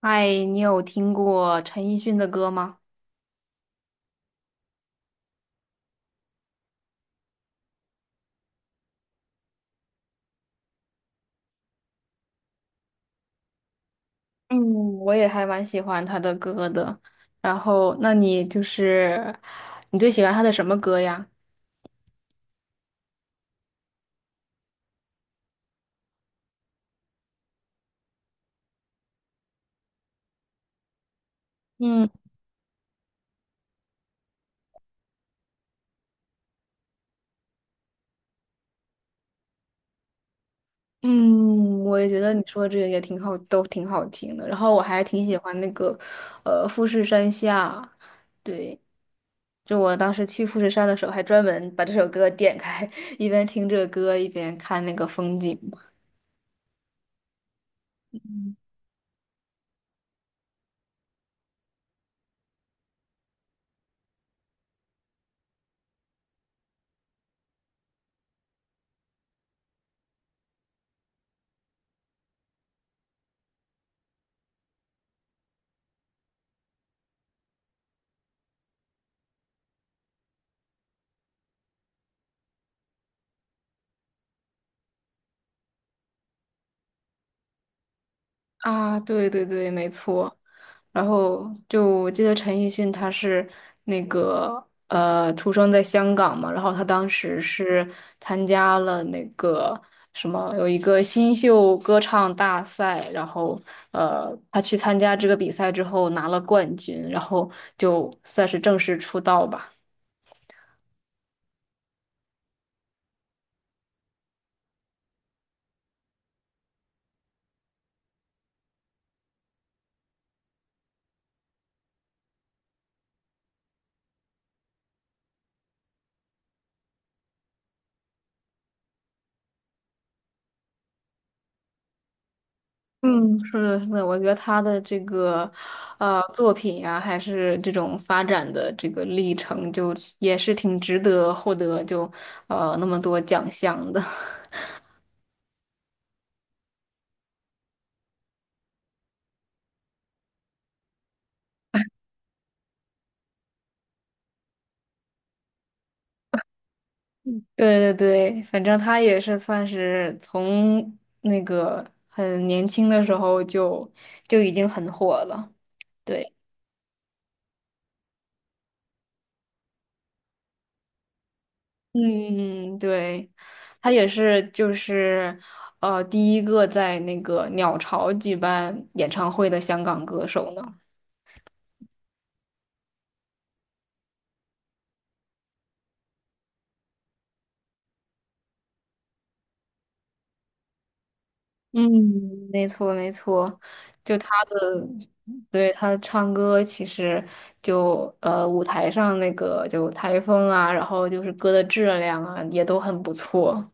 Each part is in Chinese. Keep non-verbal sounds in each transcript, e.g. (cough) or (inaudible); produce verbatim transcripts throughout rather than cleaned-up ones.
嗨，你有听过陈奕迅的歌吗？嗯，我也还蛮喜欢他的歌的。然后，那你就是你最喜欢他的什么歌呀？嗯嗯，我也觉得你说的这个也挺好，都挺好听的。然后我还挺喜欢那个呃富士山下，对，就我当时去富士山的时候，还专门把这首歌点开，(laughs) 一边听这个歌，一边看那个风景。啊，对对对，没错。然后就我记得陈奕迅他是那个呃出生在香港嘛，然后他当时是参加了那个什么有一个新秀歌唱大赛，然后呃他去参加这个比赛之后拿了冠军，然后就算是正式出道吧。嗯，是的，是的，我觉得他的这个，呃，作品呀、还是这种发展的这个历程，就也是挺值得获得就，呃，那么多奖项的。(laughs) 对对对，反正他也是算是从那个很年轻的时候就就已经很火了。对，嗯，对，他也是就是呃第一个在那个鸟巢举办演唱会的香港歌手呢。嗯，没错没错，就他的，对他唱歌其实就呃舞台上那个就台风啊，然后就是歌的质量啊也都很不错。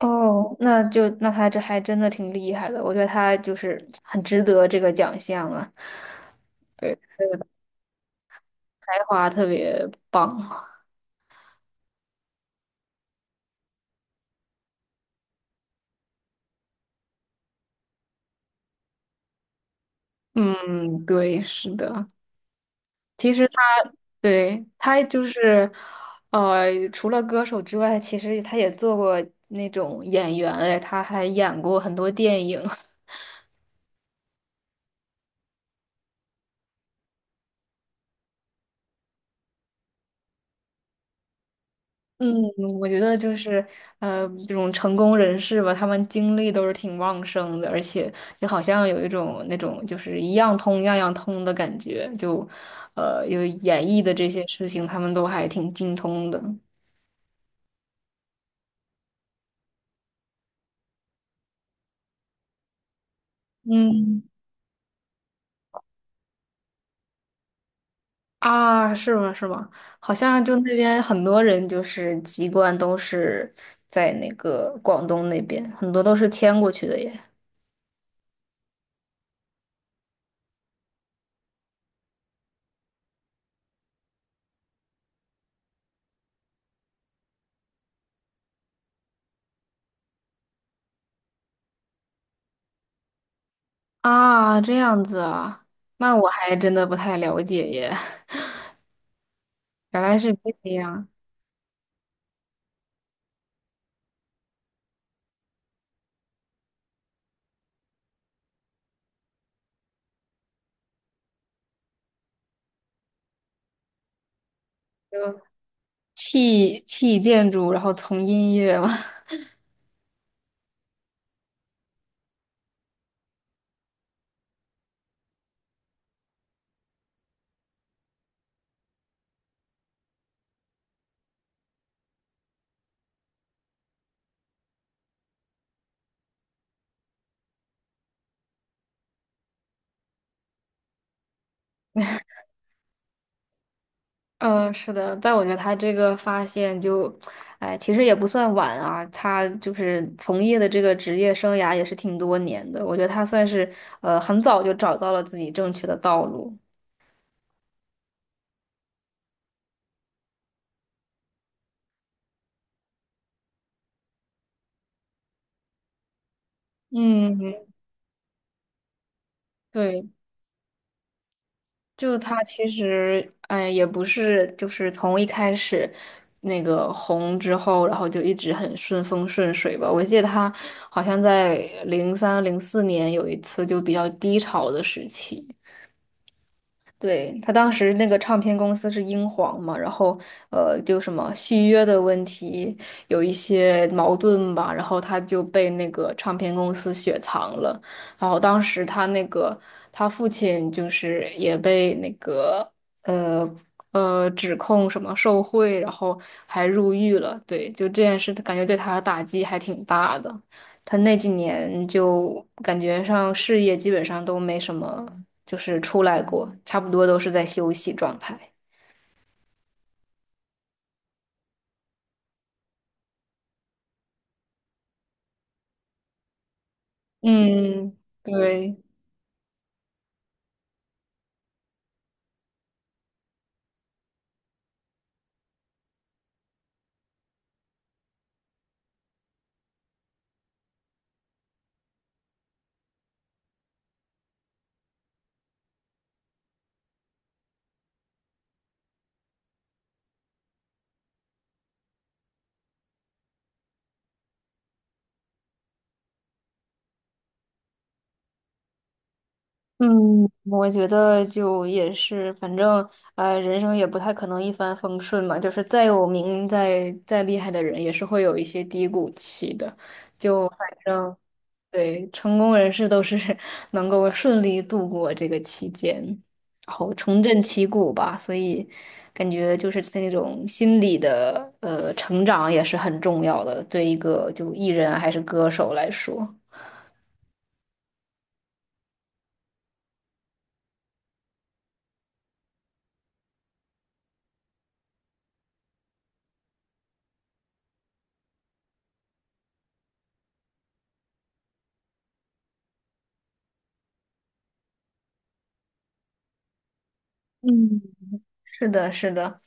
哦，那就那他这还真的挺厉害的，我觉得他就是很值得这个奖项啊，对，才华特别棒。嗯，对，是的。其实他对他就是，呃，除了歌手之外，其实他也做过那种演员，哎，他还演过很多电影。(laughs) 嗯，我觉得就是呃，这种成功人士吧，他们精力都是挺旺盛的，而且就好像有一种那种就是一样通样样通的感觉，就呃，有演艺的这些事情，他们都还挺精通的。嗯。啊，是吗？是吗？好像就那边很多人就是籍贯都是在那个广东那边，很多都是迁过去的耶。啊，这样子啊，那我还真的不太了解耶，原来是这样，就弃弃建筑，然后从音乐嘛。(laughs) 嗯，是的，但我觉得他这个发现就，哎，其实也不算晚啊。他就是从业的这个职业生涯也是挺多年的，我觉得他算是呃很早就找到了自己正确的道路。嗯，对，就他其实，哎，也不是，就是从一开始那个红之后，然后就一直很顺风顺水吧。我记得他好像在零三零四年有一次就比较低潮的时期。对，他当时那个唱片公司是英皇嘛，然后呃，就什么续约的问题有一些矛盾吧，然后他就被那个唱片公司雪藏了，然后当时他那个他父亲就是也被那个呃呃指控什么受贿，然后还入狱了，对，就这件事，感觉对他的打击还挺大的。他那几年就感觉上事业基本上都没什么，就是出来过，差不多都是在休息状态。嗯，对，嗯，我觉得就也是，反正呃，人生也不太可能一帆风顺嘛，就是再有名、再再厉害的人，也是会有一些低谷期的。对，成功人士都是 (laughs) 能够顺利度过这个期间，然后重振旗鼓吧。所以，感觉就是那种心理的呃成长也是很重要的，对一个就艺人还是歌手来说。嗯，是的，是的。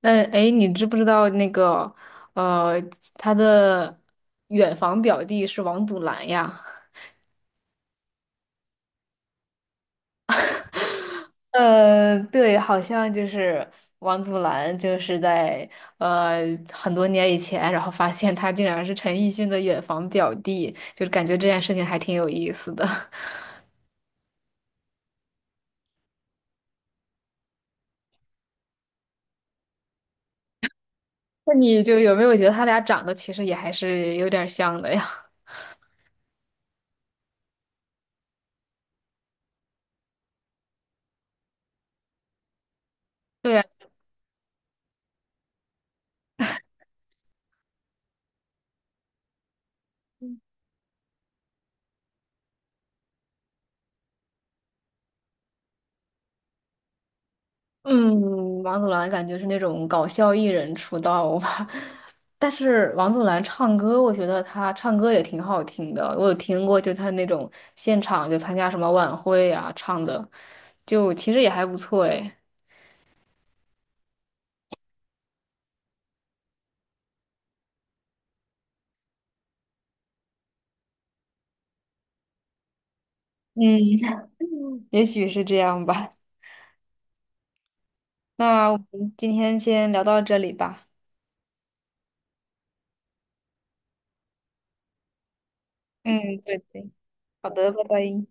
那哎，你知不知道那个呃，他的远房表弟是王祖蓝呀？呃，对，好像就是王祖蓝，就是在呃很多年以前，然后发现他竟然是陈奕迅的远房表弟，就是感觉这件事情还挺有意思的。(laughs) 那你就有没有觉得他俩长得其实也还是有点儿像的呀？(laughs) 对呀，嗯，王祖蓝感觉是那种搞笑艺人出道吧，(laughs) 但是王祖蓝唱歌，我觉得他唱歌也挺好听的，我有听过，就他那种现场就参加什么晚会啊唱的，就其实也还不错诶。嗯，(laughs) 也许是这样吧。那我们今天先聊到这里吧。嗯，对对。好的，拜拜。